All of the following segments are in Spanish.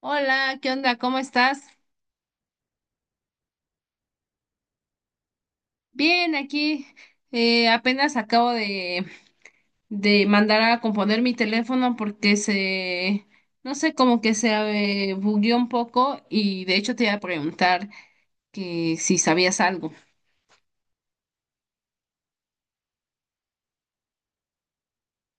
Hola, ¿qué onda? ¿Cómo estás? Bien, aquí apenas acabo de mandar a componer mi teléfono porque no sé, como que se bugueó un poco y de hecho te iba a preguntar que si sabías algo.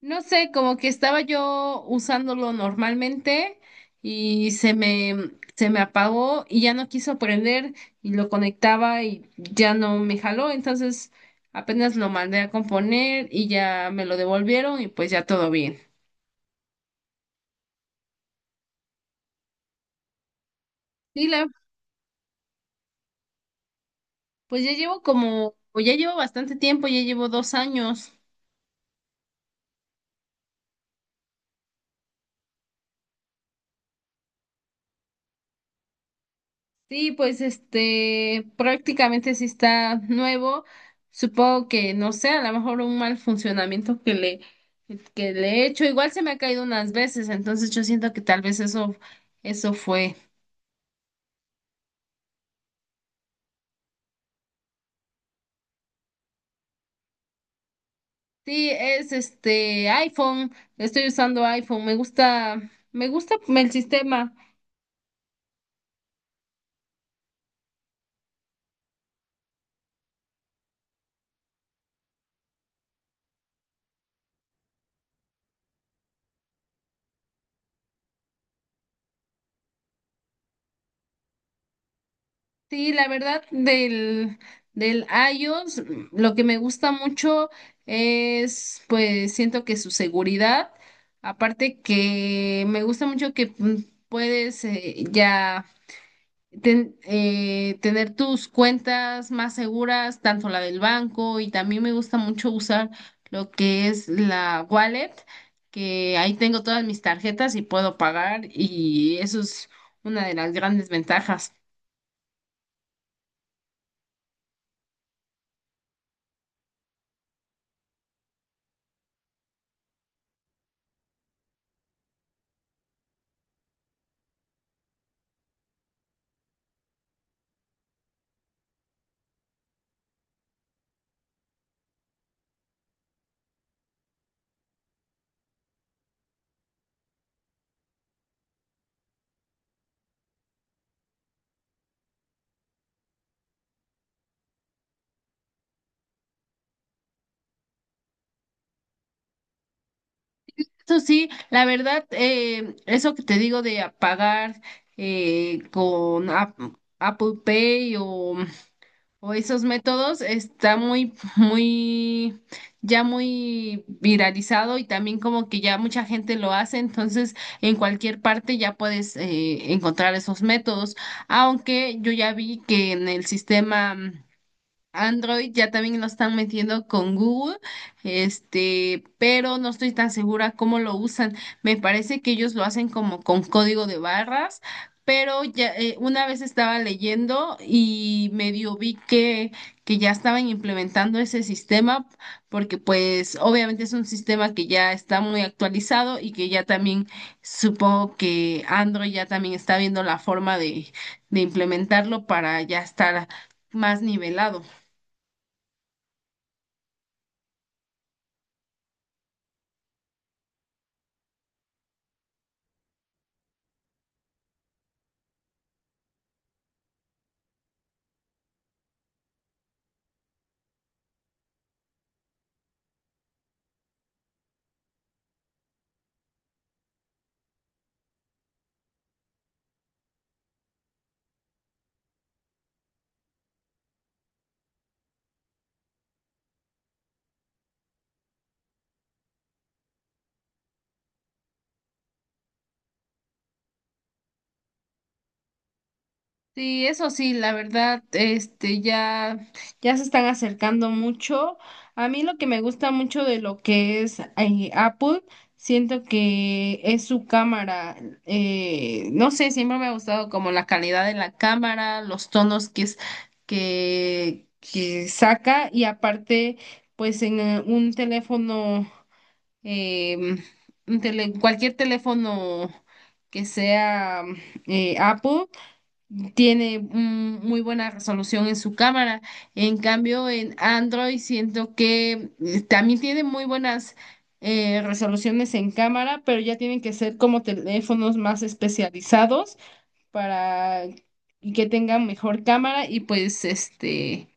No sé, como que estaba yo usándolo normalmente y se me apagó y ya no quiso prender y lo conectaba y ya no me jaló. Entonces apenas lo mandé a componer y ya me lo devolvieron y pues ya todo bien. Sí, pues ya llevo como, o ya llevo bastante tiempo, ya llevo 2 años. Sí, pues este prácticamente sí está nuevo. Supongo que, no sé, a lo mejor un mal funcionamiento que le he hecho. Igual se me ha caído unas veces, entonces yo siento que tal vez eso fue. Sí, es este iPhone. Estoy usando iPhone. Me gusta el sistema. Sí, la verdad del iOS, mm, lo que me gusta mucho es, pues siento que su seguridad, aparte que me gusta mucho que puedes ya tener tus cuentas más seguras, tanto la del banco y también me gusta mucho usar lo que es la wallet, que ahí tengo todas mis tarjetas y puedo pagar y eso es una de las grandes ventajas. Eso sí, la verdad, eso que te digo de apagar con Apple Pay o esos métodos está muy, ya muy viralizado y también como que ya mucha gente lo hace, entonces en cualquier parte ya puedes encontrar esos métodos, aunque yo ya vi que en el sistema Android ya también lo están metiendo con Google, este, pero no estoy tan segura cómo lo usan. Me parece que ellos lo hacen como con código de barras, pero ya una vez estaba leyendo y medio vi que ya estaban implementando ese sistema, porque pues obviamente es un sistema que ya está muy actualizado y que ya también supongo que Android ya también está viendo la forma de implementarlo para ya estar más nivelado. Sí, eso sí, la verdad, este, ya, ya se están acercando mucho. A mí lo que me gusta mucho de lo que es Apple, siento que es su cámara. No sé, siempre me ha gustado como la calidad de la cámara, los tonos que que saca y aparte, pues en un teléfono, em, un cualquier teléfono que sea Apple tiene muy buena resolución en su cámara. En cambio, en Android siento que también tiene muy buenas resoluciones en cámara, pero ya tienen que ser como teléfonos más especializados para y que tengan mejor cámara y pues este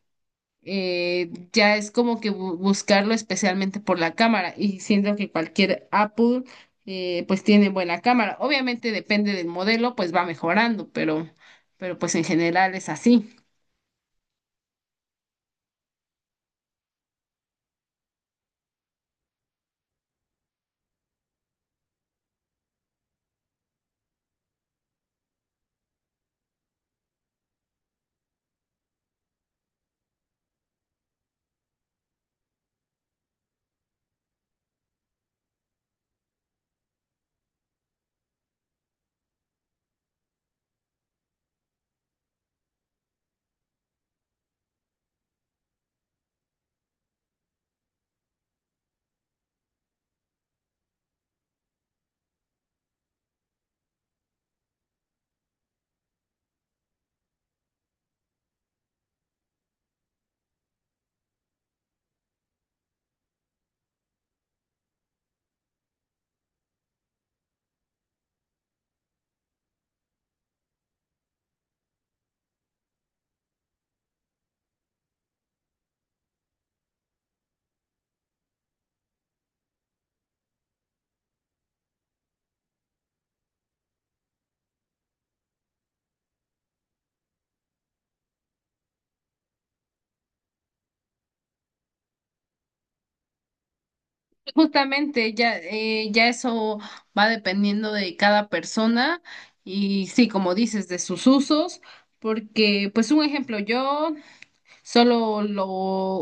ya es como que buscarlo especialmente por la cámara y siento que cualquier Apple pues tiene buena cámara. Obviamente depende del modelo, pues va mejorando, pero pues en general es así. Justamente ya, ya eso va dependiendo de cada persona y sí, como dices, de sus usos, porque pues un ejemplo, yo... Solo lo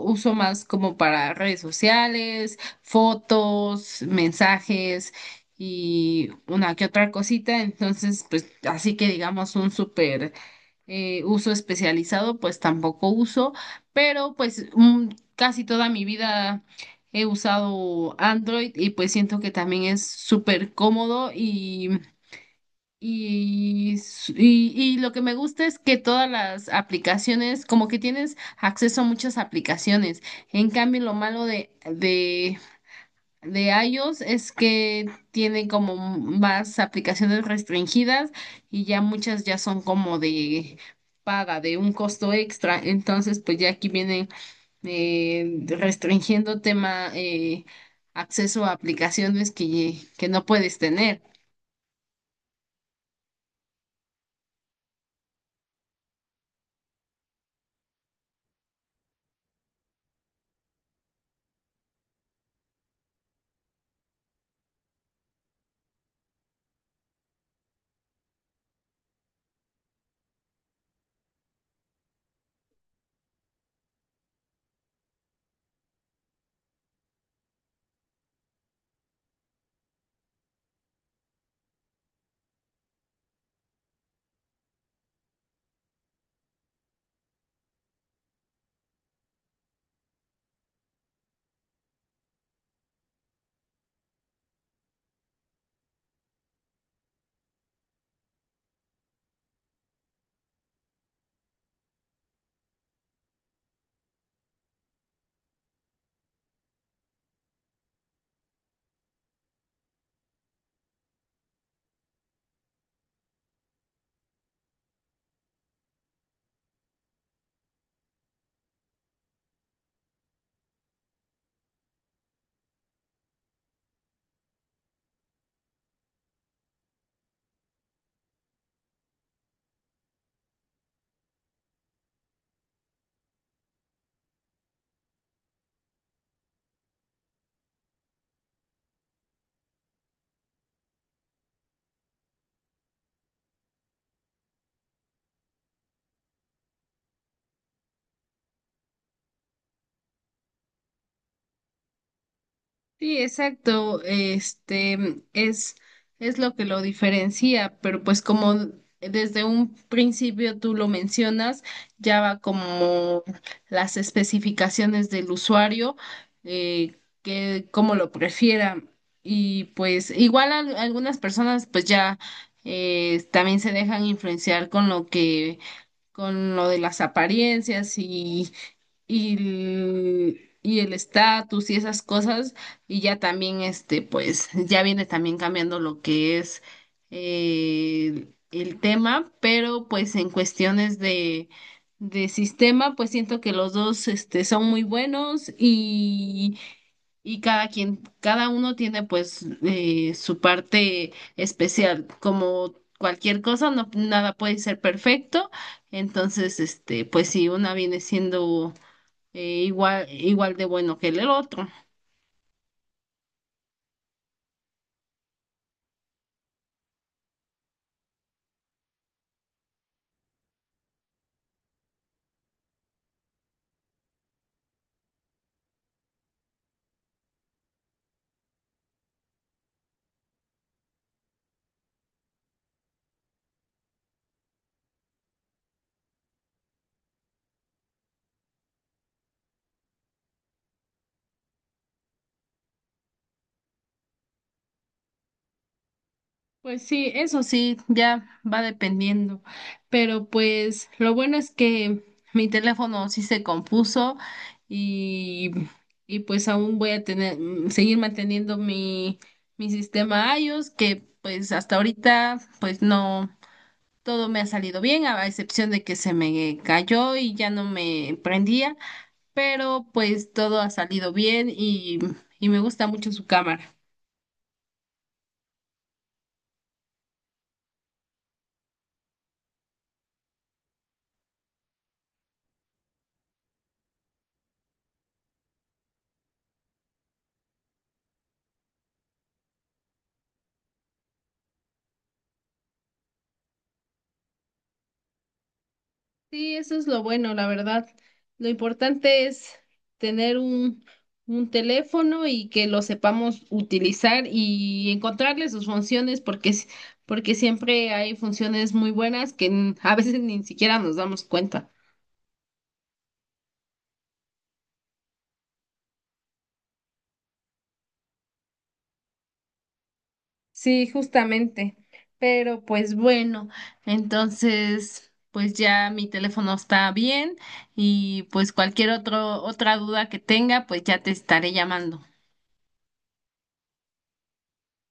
uso más como para redes sociales, fotos, mensajes y una que otra cosita. Entonces, pues así que digamos un súper uso especializado, pues tampoco uso, pero pues casi toda mi vida he usado Android y pues siento que también es súper cómodo y y lo que me gusta es que todas las aplicaciones, como que tienes acceso a muchas aplicaciones. En cambio, lo malo de iOS es que tiene como más aplicaciones restringidas y ya muchas ya son como de paga, de un costo extra. Entonces, pues ya aquí viene restringiendo tema acceso a aplicaciones que no puedes tener. Sí, exacto. Este es, es lo que lo diferencia, pero pues como desde un principio tú lo mencionas, ya va como las especificaciones del usuario, que cómo lo prefiera. Y pues igual algunas personas pues ya también se dejan influenciar con lo con lo de las apariencias y, y el estatus y esas cosas, y ya también, este, pues, ya viene también cambiando lo que es el tema, pero pues en cuestiones de sistema, pues siento que los dos, este, son muy buenos y cada quien, cada uno tiene pues su parte especial, como cualquier cosa, no, nada puede ser perfecto, entonces, este, pues si una viene siendo igual de bueno que el otro. Pues sí, eso sí, ya va dependiendo. Pero pues lo bueno es que mi teléfono sí se compuso y, y pues aún voy a tener, seguir manteniendo mi sistema iOS, que pues hasta ahorita pues no, todo me ha salido bien, a excepción de que se me cayó y ya no me prendía, pero pues todo ha salido bien y me gusta mucho su cámara. Sí, eso es lo bueno, la verdad. Lo importante es tener un teléfono y que lo sepamos utilizar y encontrarle sus funciones, porque siempre hay funciones muy buenas que a veces ni siquiera nos damos cuenta. Sí, justamente. Pero pues bueno, entonces pues ya mi teléfono está bien y pues cualquier otra duda que tenga, pues ya te estaré llamando.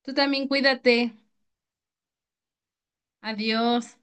Tú también cuídate. Adiós.